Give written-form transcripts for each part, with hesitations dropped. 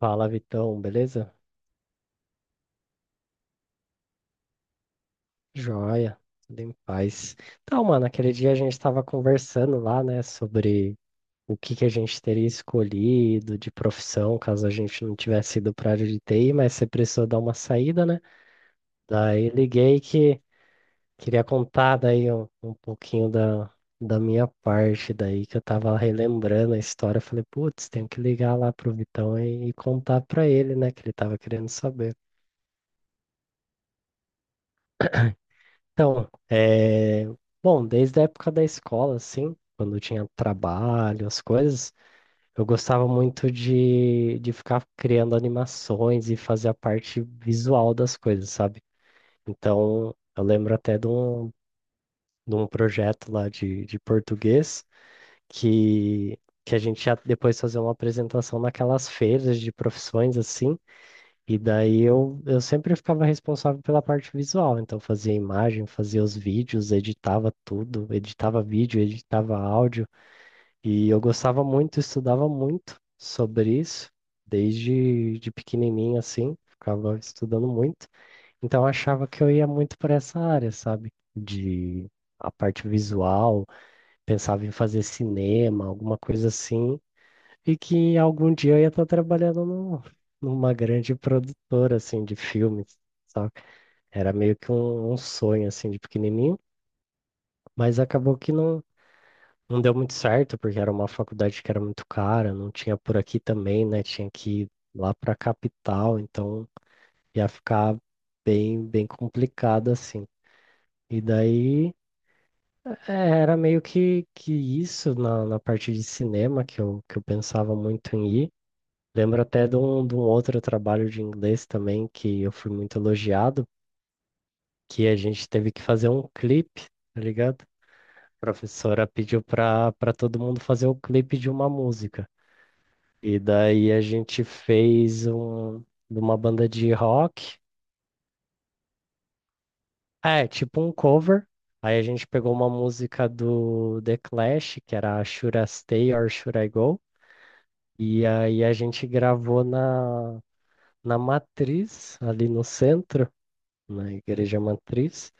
Fala, Vitão, beleza? Joia, tudo em paz. Então, mano, aquele dia a gente estava conversando lá, né, sobre o que que a gente teria escolhido de profissão caso a gente não tivesse ido para a área de TI, mas você precisou dar uma saída, né? Daí liguei que queria contar daí um pouquinho da minha parte, daí que eu tava relembrando a história. Eu falei, putz, tenho que ligar lá pro Vitão e contar pra ele, né, que ele tava querendo saber. Então, bom, desde a época da escola, assim, quando tinha trabalho, as coisas, eu gostava muito de ficar criando animações e fazer a parte visual das coisas, sabe? Então, eu lembro até de um projeto lá de português que, que a gente ia depois fazer uma apresentação naquelas feiras de profissões, assim, e daí eu sempre ficava responsável pela parte visual, então fazia imagem, fazia os vídeos, editava tudo, editava vídeo, editava áudio, e eu gostava muito, estudava muito sobre isso, desde de pequenininho assim, ficava estudando muito, então eu achava que eu ia muito para essa área, sabe? De a parte visual, pensava em fazer cinema, alguma coisa assim, e que algum dia eu ia estar trabalhando numa grande produtora, assim, de filmes, sabe? Era meio que um sonho, assim, de pequenininho, mas acabou que não deu muito certo, porque era uma faculdade que era muito cara, não tinha por aqui também, né? Tinha que ir lá pra capital, então ia ficar bem complicado, assim. E daí é, era meio que isso na parte de cinema que que eu pensava muito em ir. Lembro até de um outro trabalho de inglês também que eu fui muito elogiado, que a gente teve que fazer um clipe, tá ligado? A professora pediu para todo mundo fazer o clipe de uma música. E daí a gente fez um de uma banda de rock, é, tipo um cover. Aí a gente pegou uma música do The Clash, que era Should I Stay or Should I Go? E aí a gente gravou na Matriz, ali no centro. Na igreja matriz.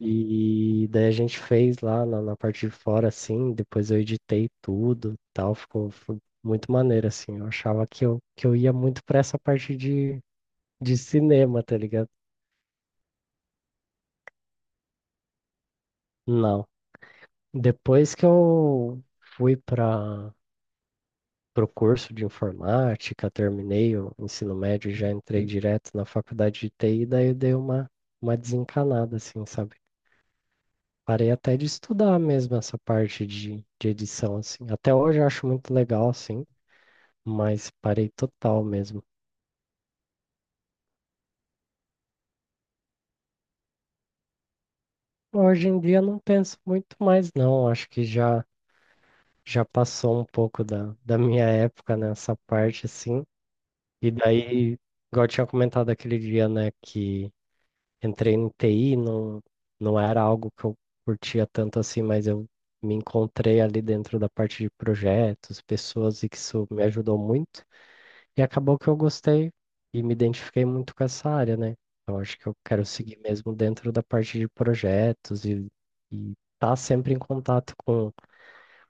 E daí a gente fez lá na parte de fora, assim, depois eu editei tudo, e tal, ficou, foi muito maneiro, assim. Eu achava que que eu ia muito pra essa parte de cinema, tá ligado? Não. Depois que eu fui para o curso de informática, terminei o ensino médio, e já entrei direto na faculdade de TI, daí eu dei uma desencanada, assim, sabe? Parei até de estudar mesmo essa parte de edição, assim. Até hoje eu acho muito legal, assim, mas parei total mesmo. Hoje em dia não penso muito mais, não. Acho que já passou um pouco da minha época nessa parte, assim. E daí, igual eu tinha comentado aquele dia, né, que entrei no TI, não era algo que eu curtia tanto assim, mas eu me encontrei ali dentro da parte de projetos, pessoas, e que isso me ajudou muito. E acabou que eu gostei e me identifiquei muito com essa área, né? Então acho que eu quero seguir mesmo dentro da parte de projetos e estar sempre em contato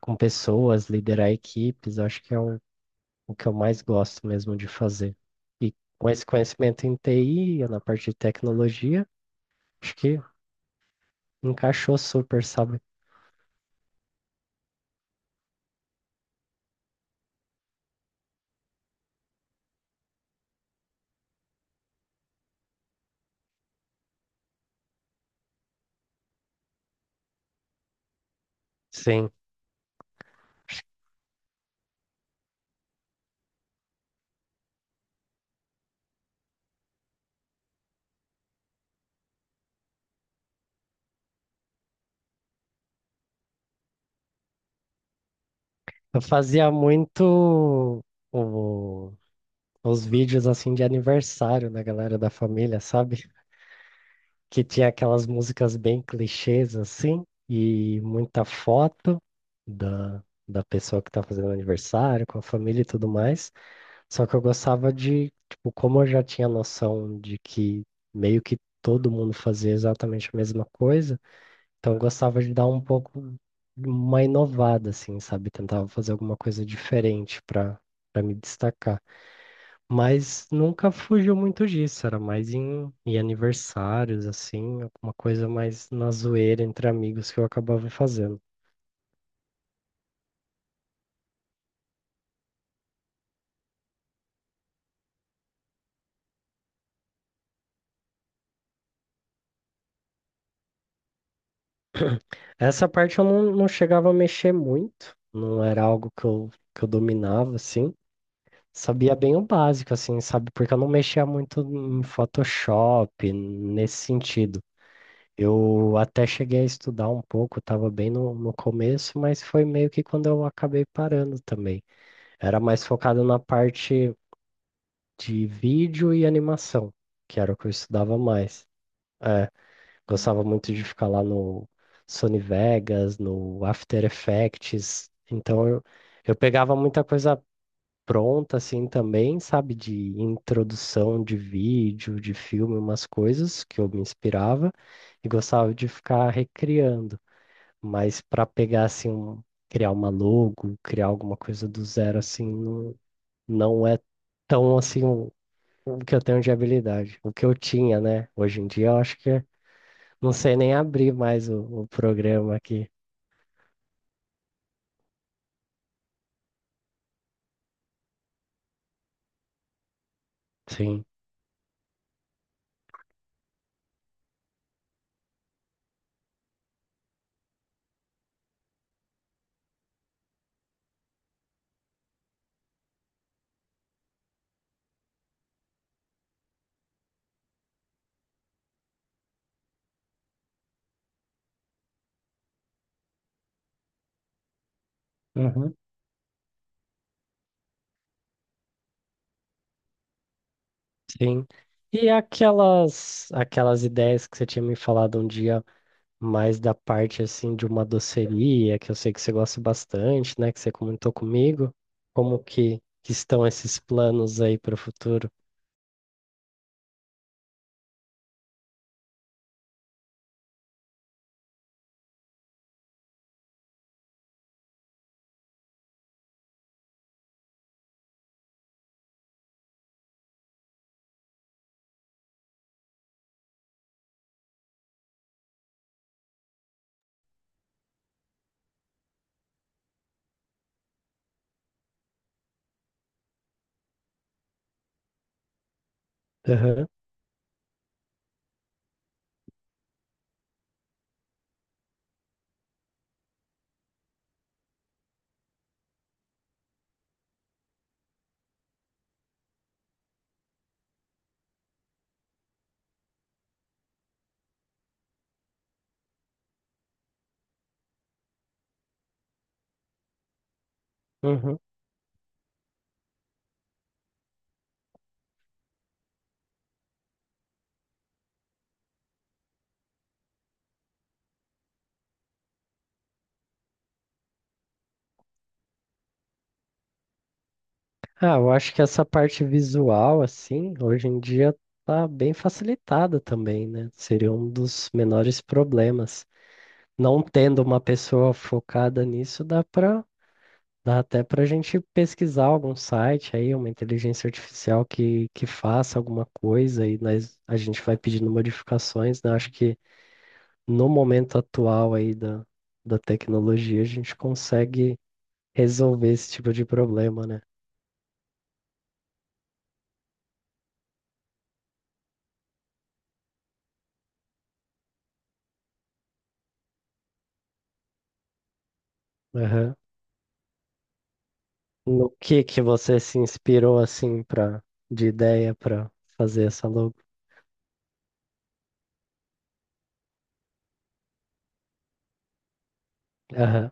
com pessoas, liderar equipes, acho que é o que eu mais gosto mesmo de fazer. E com esse conhecimento em TI, na parte de tecnologia, acho que encaixou super, sabe? Sim. Eu fazia muito o- os vídeos assim de aniversário da galera da família, sabe? Que tinha aquelas músicas bem clichês assim, e muita foto da pessoa que tá fazendo aniversário, com a família e tudo mais. Só que eu gostava de, tipo, como eu já tinha noção de que meio que todo mundo fazia exatamente a mesma coisa, então eu gostava de dar um pouco uma inovada, assim, sabe? Tentava fazer alguma coisa diferente para me destacar. Mas nunca fugiu muito disso, era mais em aniversários, assim, alguma coisa mais na zoeira entre amigos que eu acabava fazendo. Essa parte eu não chegava a mexer muito, não era algo que que eu dominava, assim. Sabia bem o básico, assim, sabe? Porque eu não mexia muito em Photoshop, nesse sentido. Eu até cheguei a estudar um pouco, estava bem no começo, mas foi meio que quando eu acabei parando também. Era mais focado na parte de vídeo e animação, que era o que eu estudava mais. É, gostava muito de ficar lá no Sony Vegas, no After Effects. Então eu pegava muita coisa pronta assim também, sabe, de introdução de vídeo, de filme, umas coisas que eu me inspirava e gostava de ficar recriando, mas para pegar assim um- criar uma logo, criar alguma coisa do zero assim, não é tão assim um o que eu tenho de habilidade, o que eu tinha, né? Hoje em dia eu acho que é- não sei nem abrir mais o programa aqui. Sim, uhum, sim. E aquelas ideias que você tinha me falado um dia mais da parte assim de uma doceria, que eu sei que você gosta bastante, né? Que você comentou comigo. Como que estão esses planos aí para o futuro? Aham. Uhum. Ah, eu acho que essa parte visual, assim, hoje em dia tá bem facilitada também, né? Seria um dos menores problemas. Não tendo uma pessoa focada nisso, dá dá até pra gente pesquisar algum site aí, uma inteligência artificial que faça alguma coisa e nós, a gente vai pedindo modificações, né? Acho que no momento atual aí da tecnologia, a gente consegue resolver esse tipo de problema, né? No que você se inspirou assim para de ideia para fazer essa logo? Aham,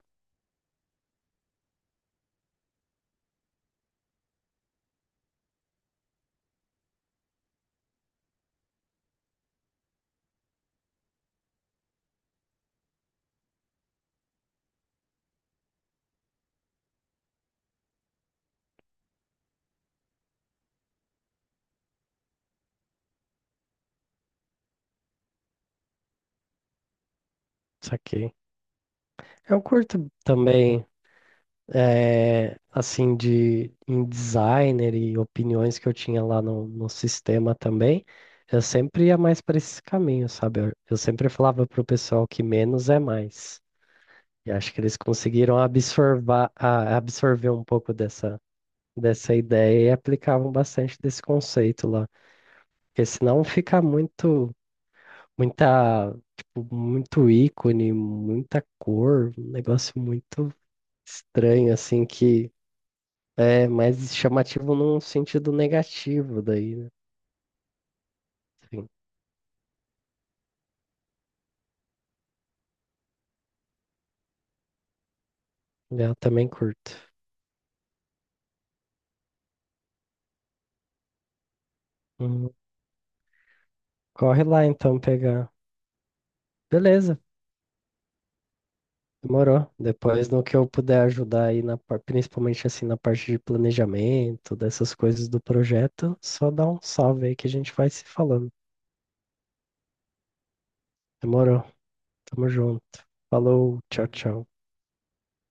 saquei. Eu curto também assim de em designer e opiniões que eu tinha lá no sistema também. Eu sempre ia mais para esse caminho, sabe? Eu sempre falava pro pessoal que menos é mais. E acho que eles conseguiram absorver um pouco dessa dessa ideia e aplicavam bastante desse conceito lá. Porque senão fica muito muita, tipo, muito ícone, muita cor, um negócio muito estranho, assim, que é mais chamativo num sentido negativo daí, né? Enfim, eu também curto. Hum, Corre lá então pegar. Beleza, demorou. Depois no que eu puder ajudar aí, na, par- principalmente assim na parte de planejamento, dessas coisas do projeto, só dá um salve aí que a gente vai se falando. Demorou, tamo junto. Falou, tchau, tchau.